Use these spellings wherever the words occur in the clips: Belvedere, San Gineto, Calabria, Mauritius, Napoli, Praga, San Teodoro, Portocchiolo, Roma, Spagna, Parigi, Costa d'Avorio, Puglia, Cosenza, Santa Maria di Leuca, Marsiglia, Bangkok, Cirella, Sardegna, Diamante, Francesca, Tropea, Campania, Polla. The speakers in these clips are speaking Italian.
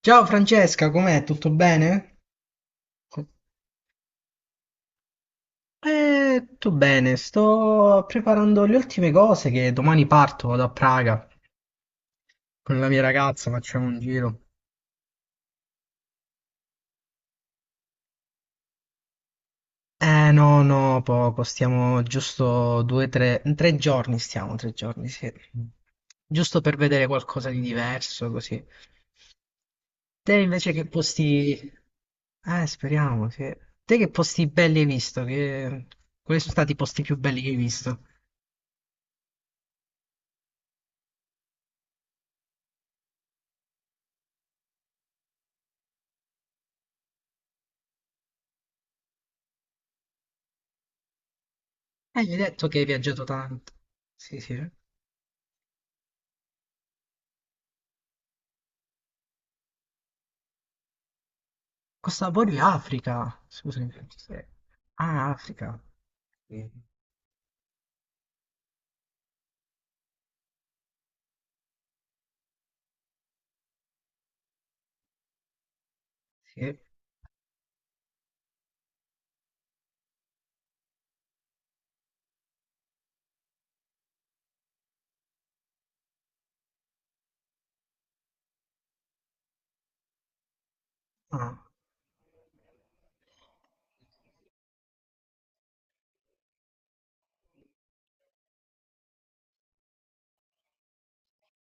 Ciao Francesca, com'è? Tutto bene? Tutto bene, sto preparando le ultime cose che domani parto, vado a Praga con la mia ragazza, facciamo un giro. Eh no, no, poco, stiamo giusto due, tre, tre giorni stiamo, tre giorni, sì. Giusto per vedere qualcosa di diverso, così. Te invece che posti... speriamo, sì. Te che posti belli hai visto? Che... Quali sono stati i posti più belli che hai visto? Gli hai detto che hai viaggiato tanto. Sì, sì. Costa d'Avorio, è Africa. Scusami. Sì. Ah, Africa. Sì. Sì. Ah,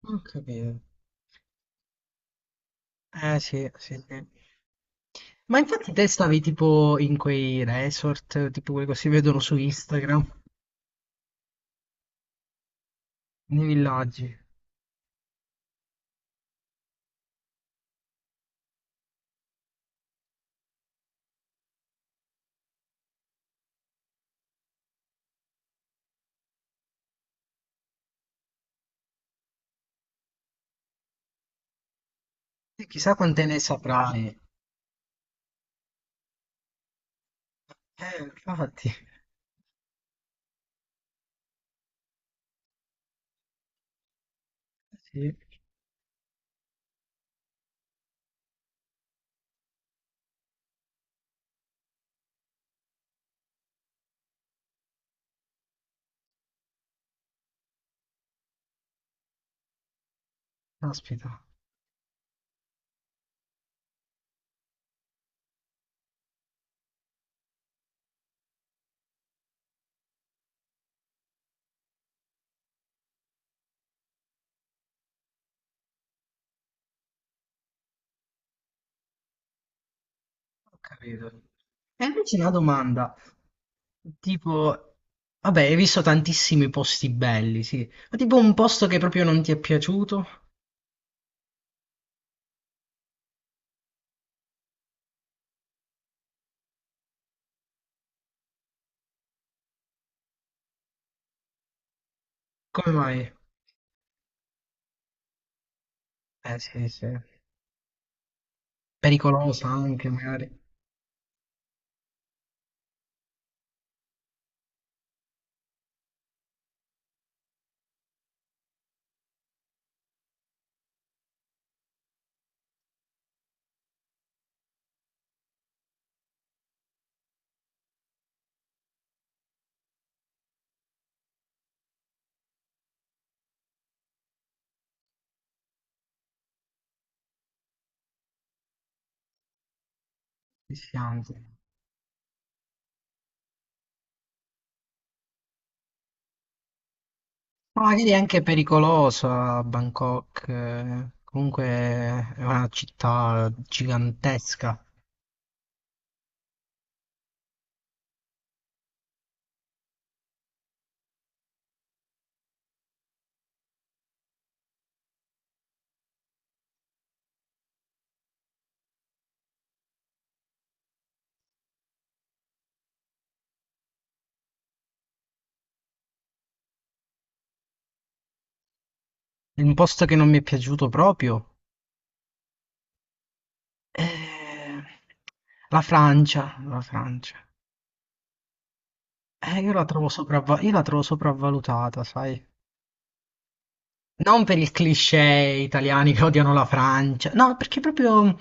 ho capito. Sì, sì, sì. Ma infatti te stavi tipo in quei resort, tipo quelli che si vedono su Instagram, nei villaggi. E chissà quante ne saprai. Infatti. Sì. Caspita. Ho capito. E invece una domanda, tipo, vabbè, hai visto tantissimi posti belli, sì, ma tipo un posto che proprio non ti è piaciuto? Come mai? Eh sì, sì. Pericolosa anche, magari. Rischiante. Ma magari è anche pericolosa Bangkok, comunque è una città gigantesca. Un posto che non mi è piaciuto proprio? Eh, La Francia, la Francia. Io la trovo io la trovo sopravvalutata, sai? Non per il cliché italiani che odiano la Francia, no, perché proprio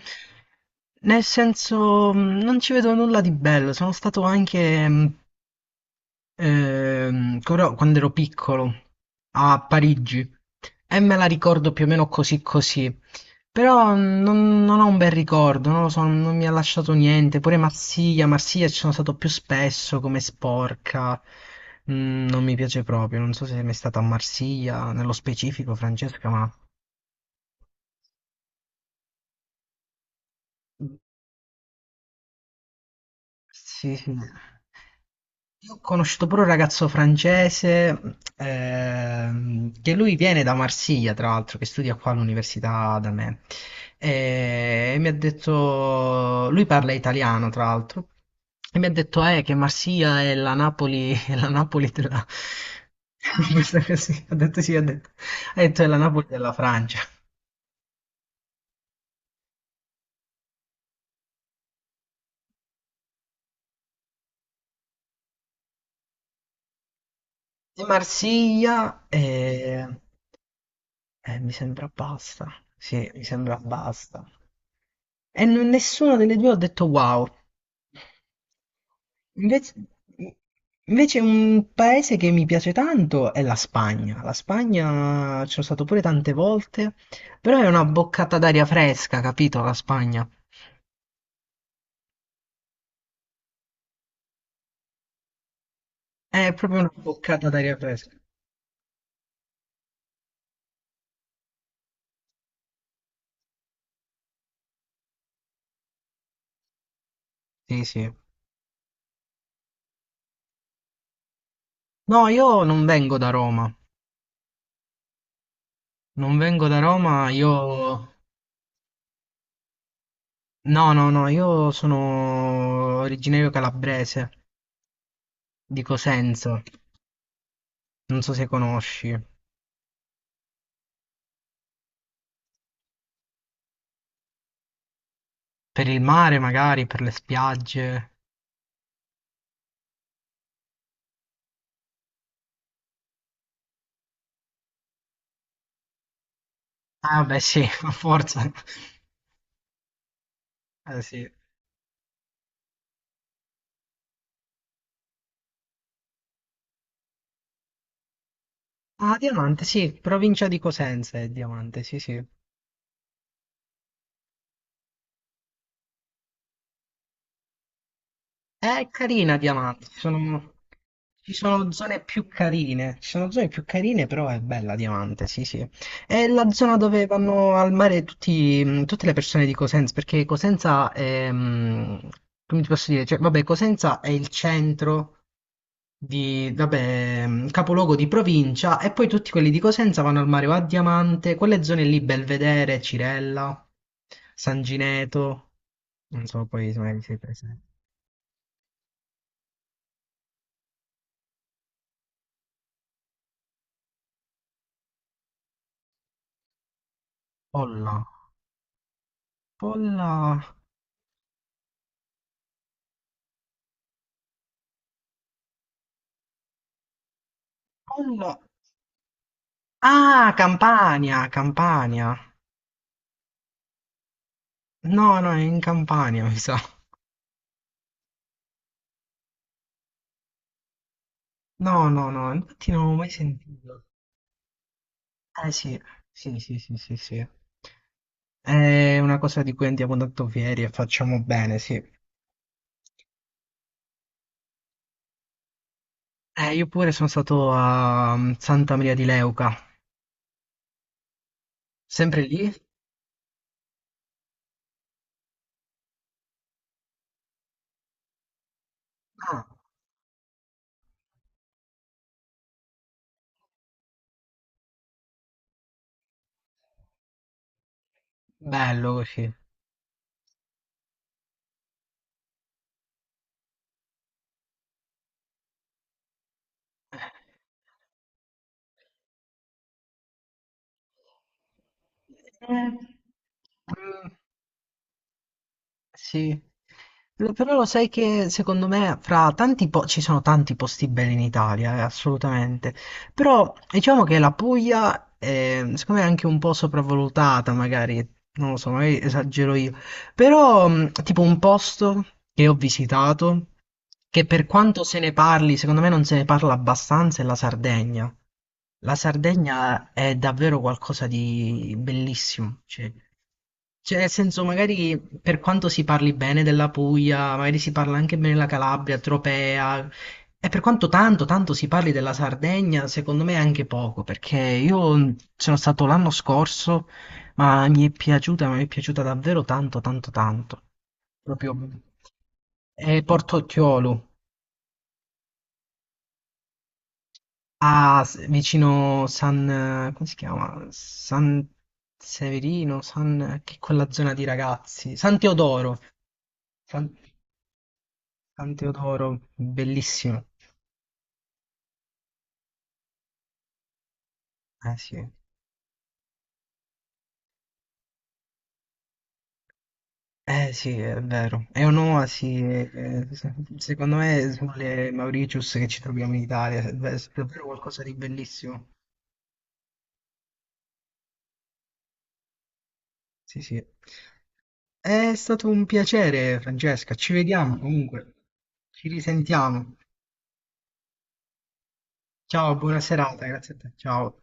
nel senso non ci vedo nulla di bello. Sono stato anche però quando ero piccolo a Parigi e me la ricordo più o meno così così. Però non ho un bel ricordo, non lo so, non mi ha lasciato niente. Pure Marsiglia, Marsiglia ci sono stato più spesso come sporca. Mm, non mi piace proprio, non so se è mai stata a Marsiglia, nello specifico Francesca, ma... Sì, sì. Io ho conosciuto pure un ragazzo francese che lui viene da Marsiglia, tra l'altro, che studia qua all'università da me. E mi ha detto, lui parla italiano, tra l'altro, e mi ha detto che Marsiglia è la Napoli, è la Napoli della... Questa così, ha detto sì, ha detto è la Napoli della Francia. E Marsiglia, mi sembra basta. Sì, mi sembra basta. E nessuna delle due ha detto wow. Invece, invece un paese che mi piace tanto è la Spagna. La Spagna ci sono stato pure tante volte, però è una boccata d'aria fresca, capito? La Spagna è proprio una boccata d'aria fresca. Sì, sì. No, io non vengo da Roma. Non vengo da Roma, io... No, no, no, io sono originario calabrese, di Cosenza. Non so se conosci. Per il mare magari, per le spiagge. Ah beh sì, a forza. Eh sì. Ah, Diamante, sì, provincia di Cosenza è Diamante, sì sì. È carina Diamante, ci sono zone più carine, ci sono zone più carine, però è bella Diamante, sì sì. È la zona dove vanno al mare tutti, tutte le persone di Cosenza, perché Cosenza è, come ti posso dire, cioè, vabbè, Cosenza è il centro di, vabbè, capoluogo di provincia e poi tutti quelli di Cosenza vanno al mare o a Diamante, quelle zone lì, Belvedere, Cirella, San Gineto, non so poi se mai sei presente. Olla. Polla, Polla. Ah, Campania, Campania. No, no, è in Campania, mi sa. No, no, no, infatti non l'avevo mai sentito. Eh sì, sì, sì, sì, sì, sì. È una cosa di cui andiamo tanto fieri e facciamo bene, sì. Io pure sono stato a Santa Maria di Leuca. Sempre lì? Ah, bello così. Eh, mm, sì. Però lo sai che secondo me fra ci sono tanti posti belli in Italia, assolutamente. Però diciamo che la Puglia secondo me è anche un po' sopravvalutata, magari, non lo so, magari esagero io. Però tipo un posto che ho visitato, che per quanto se ne parli, secondo me non se ne parla abbastanza, è la Sardegna. La Sardegna è davvero qualcosa di bellissimo. Cioè. Cioè, nel senso, magari per quanto si parli bene della Puglia, magari si parla anche bene della Calabria, Tropea, e per quanto tanto, tanto si parli della Sardegna, secondo me anche poco, perché io sono stato l'anno scorso, ma mi è piaciuta, ma mi è piaciuta davvero tanto, tanto, tanto. Proprio. E Portocchiolo, a, vicino San, come si chiama? San Severino, San, che è quella zona di ragazzi, San Teodoro. San- San Teodoro, bellissimo. Eh sì, eh sì, è vero. È un'oasi, secondo me, sulle Mauritius che ci troviamo in Italia, è davvero qualcosa di bellissimo. Sì, sì. È stato un piacere, Francesca. Ci vediamo comunque. Ci risentiamo. Ciao, buona serata, grazie a te. Ciao.